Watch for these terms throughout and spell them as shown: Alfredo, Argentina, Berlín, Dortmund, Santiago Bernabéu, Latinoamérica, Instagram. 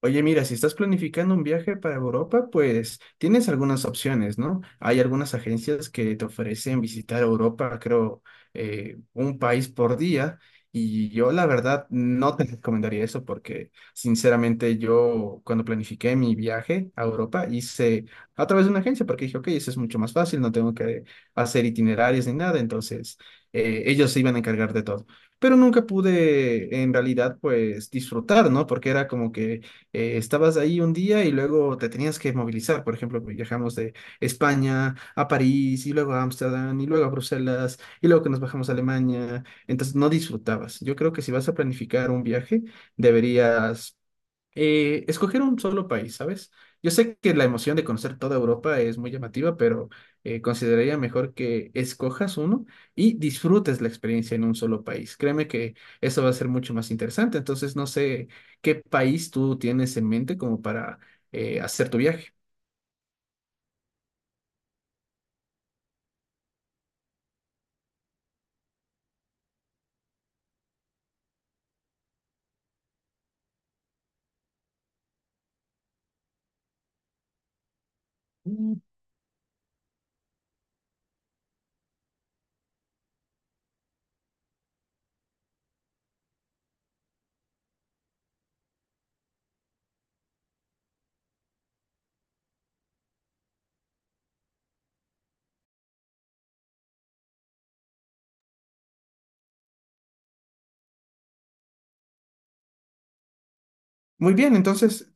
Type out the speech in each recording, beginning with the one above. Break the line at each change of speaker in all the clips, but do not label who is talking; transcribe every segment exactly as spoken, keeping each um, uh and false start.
Oye, mira, si estás planificando un viaje para Europa, pues tienes algunas opciones, ¿no? Hay algunas agencias que te ofrecen visitar Europa, creo, eh, un país por día. Y yo la verdad no te recomendaría eso porque sinceramente yo cuando planifiqué mi viaje a Europa hice a través de una agencia porque dije, ok, eso es mucho más fácil, no tengo que hacer itinerarios ni nada, entonces eh, ellos se iban a encargar de todo. Pero nunca pude en realidad pues disfrutar, ¿no? Porque era como que eh, estabas ahí un día y luego te tenías que movilizar. Por ejemplo, viajamos de España a París y luego a Ámsterdam y luego a Bruselas y luego que nos bajamos a Alemania. Entonces no disfrutabas. Yo creo que si vas a planificar un viaje, deberías eh, escoger un solo país, ¿sabes? Yo sé que la emoción de conocer toda Europa es muy llamativa, pero eh, consideraría mejor que escojas uno y disfrutes la experiencia en un solo país. Créeme que eso va a ser mucho más interesante. Entonces, no sé qué país tú tienes en mente como para eh, hacer tu viaje. Mm. Muy bien, entonces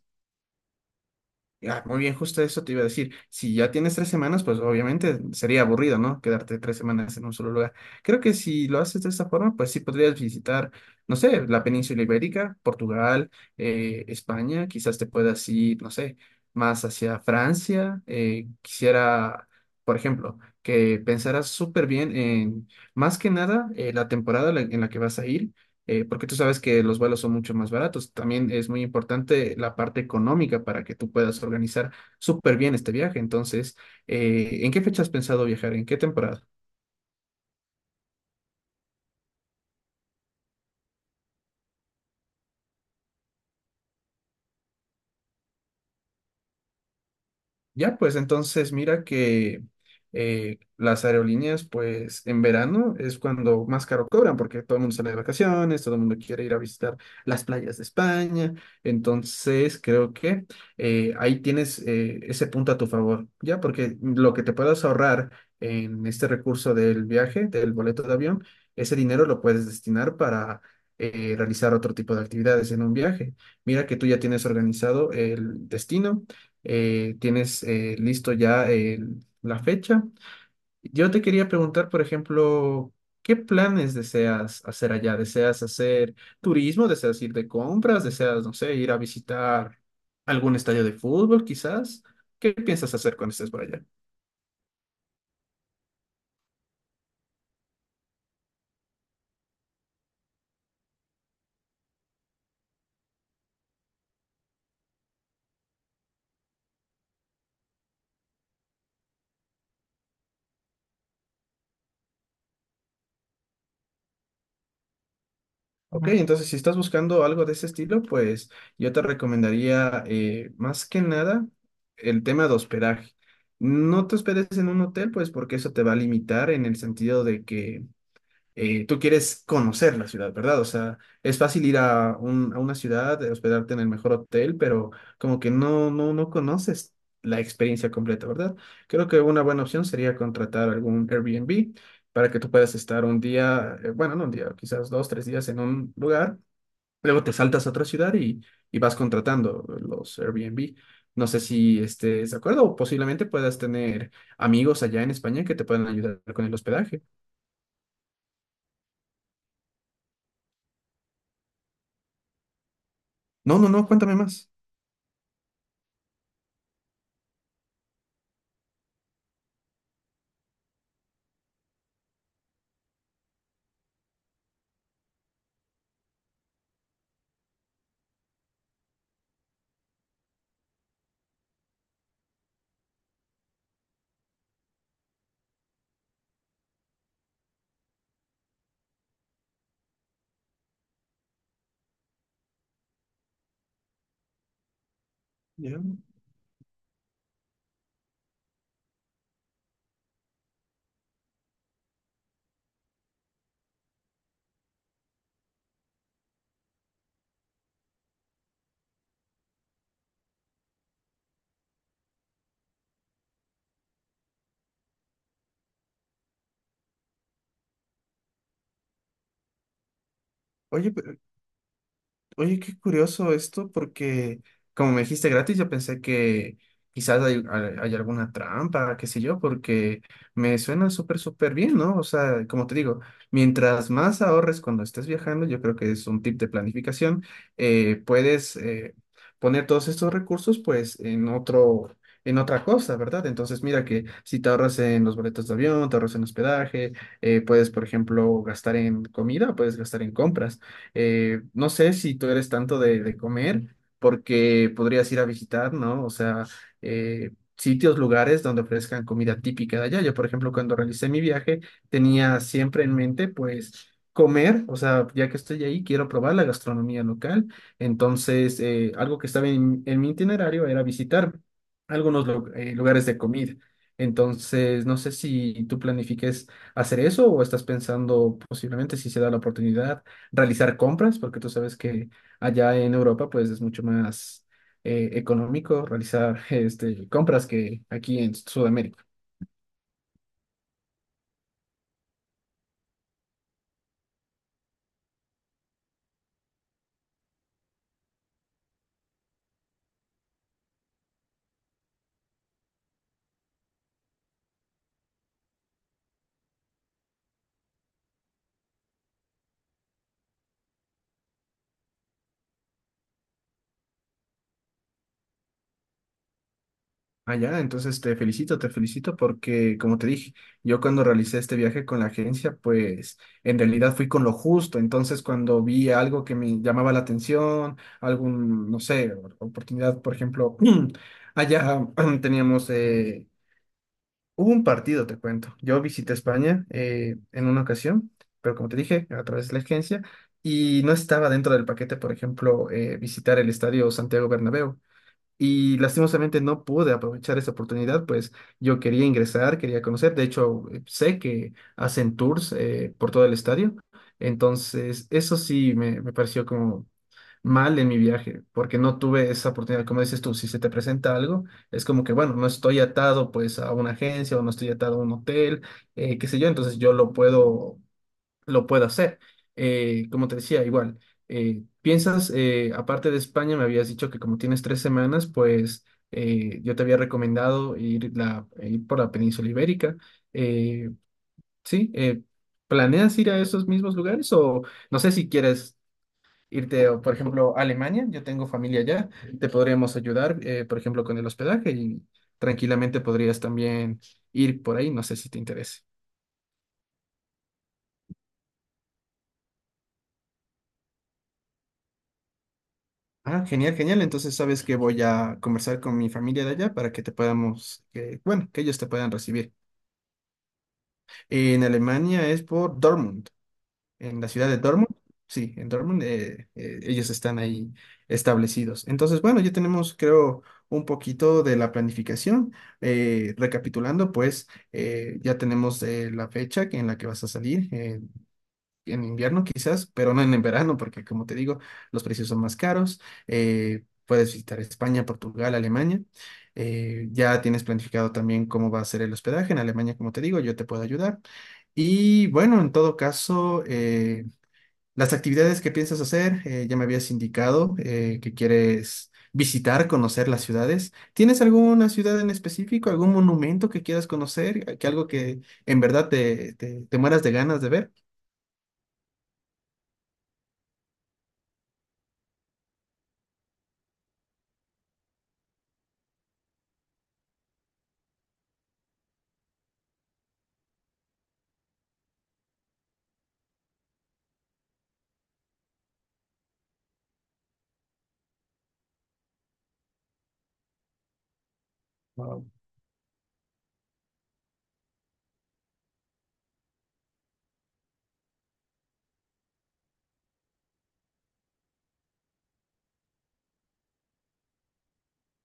Ah, muy bien, justo eso te iba a decir. Si ya tienes tres semanas, pues obviamente sería aburrido, ¿no? Quedarte tres semanas en un solo lugar. Creo que si lo haces de esta forma, pues sí podrías visitar, no sé, la península ibérica, Portugal, eh, España, quizás te puedas ir, no sé, más hacia Francia. Eh, quisiera, por ejemplo, que pensaras súper bien en, más que nada, eh, la temporada la- en la que vas a ir eh, porque tú sabes que los vuelos son mucho más baratos. También es muy importante la parte económica para que tú puedas organizar súper bien este viaje. Entonces, eh, ¿en qué fecha has pensado viajar? ¿En qué temporada? Ya, pues entonces mira que eh, las aerolíneas, pues en verano es cuando más caro cobran, porque todo el mundo sale de vacaciones, todo el mundo quiere ir a visitar las playas de España. Entonces creo que eh, ahí tienes eh, ese punto a tu favor, ya, porque lo que te puedas ahorrar en este recurso del viaje, del boleto de avión, ese dinero lo puedes destinar para eh, realizar otro tipo de actividades en un viaje. Mira que tú ya tienes organizado el destino eh, tienes eh, listo ya el- la fecha. Yo te quería preguntar, por ejemplo, ¿qué planes deseas hacer allá? ¿Deseas hacer turismo? ¿Deseas ir de compras? ¿Deseas, no sé, ir a visitar algún estadio de fútbol, quizás? ¿Qué piensas hacer cuando estés por allá? Ok, ujú. Entonces, si estás buscando algo de ese estilo, pues yo te recomendaría, eh, más que nada, el tema de hospedaje. No te hospedes en un hotel, pues porque eso te va a limitar en el sentido de que eh, tú quieres conocer la ciudad, ¿verdad? O sea, es fácil ir a, un- a una ciudad, eh, hospedarte en el mejor hotel, pero como que no, no, no conoces la experiencia completa, ¿verdad? Creo que una buena opción sería contratar algún Airbnb para que tú puedas estar un día, eh, bueno, no un día, quizás dos, tres días en un lugar, luego te saltas a otra ciudad y, y vas contratando los Airbnb. No sé si estés de acuerdo o posiblemente puedas tener amigos allá en España que te puedan ayudar con el hospedaje. No, no, no, cuéntame más. Ya. Oye, pero- oye, qué curioso esto, porque como me dijiste gratis, yo pensé que quizás hay, hay- hay alguna trampa, qué sé yo, porque me suena súper, súper bien, ¿no? O sea, como te digo, mientras más ahorres cuando estés viajando, yo creo que es un tip de planificación, eh, puedes eh, poner todos estos recursos, pues, en otro... En otra cosa, ¿verdad? Entonces, mira que si te ahorras en los boletos de avión, te ahorras en hospedaje, eh, puedes, por ejemplo, gastar en comida, puedes gastar en compras. Eh, no sé si tú eres tanto de, de comer, porque podrías ir a visitar, ¿no? O sea, eh, sitios, lugares donde ofrezcan comida típica de allá. Yo, por ejemplo, cuando realicé mi viaje, tenía siempre en mente, pues, comer, o sea, ya que estoy ahí, quiero probar la gastronomía local. Entonces, eh, algo que estaba en, en mi itinerario era visitar algunos lu- eh, lugares de comida. Entonces, no sé si tú planifiques hacer eso o estás pensando posiblemente si se da la oportunidad realizar compras, porque tú sabes que allá en Europa pues es mucho más eh, económico realizar este, compras que aquí en Sudamérica. Allá, entonces te felicito, te felicito porque como te dije, yo cuando realicé este viaje con la agencia, pues en realidad fui con lo justo, entonces cuando vi algo que me llamaba la atención, algún, no sé, oportunidad, por ejemplo, allá teníamos... eh, Hubo un partido, te cuento. Yo visité España eh, en una ocasión, pero como te dije, a través de la agencia, y no estaba dentro del paquete, por ejemplo, eh, visitar el estadio Santiago Bernabéu. Y lastimosamente no pude aprovechar esa oportunidad, pues yo quería ingresar, quería conocer. De hecho, eh, sé que hacen tours eh, por todo el estadio. Entonces, eso sí me, me pareció como mal en mi viaje, porque no tuve esa oportunidad. Como dices tú, si se te presenta algo, es como que, bueno, no estoy atado pues a una agencia o no estoy atado a un hotel, eh, qué sé yo, entonces yo lo puedo, lo puedo hacer. Eh, como te decía, igual, eh, piensas, eh, aparte de España, me habías dicho que como tienes tres semanas, pues eh, yo te había recomendado ir, la, ir por la península ibérica. Eh, sí, eh, ¿planeas ir a esos mismos lugares o no sé si quieres irte, o, por ejemplo, a Alemania, yo tengo familia allá, te podríamos ayudar, eh, por ejemplo, con el hospedaje y tranquilamente podrías también ir por ahí, no sé si te interesa. Ah, genial, genial. Entonces sabes que voy a conversar con mi familia de allá para que te podamos, eh, bueno, que ellos te puedan recibir. En Alemania es por Dortmund, en la ciudad de Dortmund. Sí, en Dortmund eh, eh, ellos están ahí establecidos. Entonces, bueno, ya tenemos, creo, un poquito de la planificación. Eh, recapitulando, pues eh, ya tenemos eh, la fecha que- en la que vas a salir, eh, en invierno quizás, pero no en el verano, porque como te digo, los precios son más caros. Eh, puedes visitar España, Portugal, Alemania. Eh, ya tienes planificado también cómo va a ser el hospedaje en Alemania, como te digo, yo te puedo ayudar. Y bueno, en todo caso, eh, las actividades que piensas hacer, eh, ya me habías indicado eh, que quieres visitar, conocer las ciudades. ¿Tienes alguna ciudad en específico, algún monumento que quieras conocer, que algo que en verdad te, te, te mueras de ganas de ver?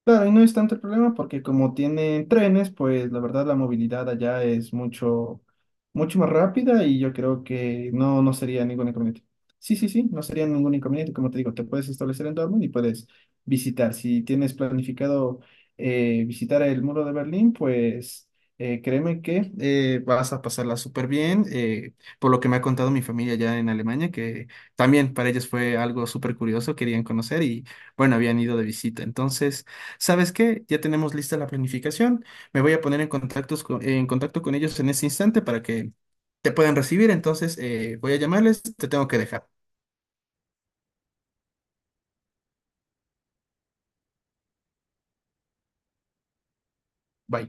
Claro, y no es tanto el problema porque como tienen trenes, pues la verdad la movilidad allá es mucho, mucho más rápida y yo creo que no, no sería ningún inconveniente. Sí, sí, sí, no sería ningún inconveniente. Como te digo, te puedes establecer en Dortmund y puedes visitar. Si tienes planificado eh, visitar el muro de Berlín, pues eh, créeme que eh, vas a pasarla súper bien. Eh, por lo que me ha contado mi familia allá en Alemania, que también para ellos fue algo súper curioso, querían conocer y bueno, habían ido de visita. Entonces... ¿Sabes qué? Ya tenemos lista la planificación. Me voy a poner en contactos co- en contacto con ellos en ese instante para que te puedan recibir. Entonces, eh, voy a llamarles. Te tengo que dejar. Bye.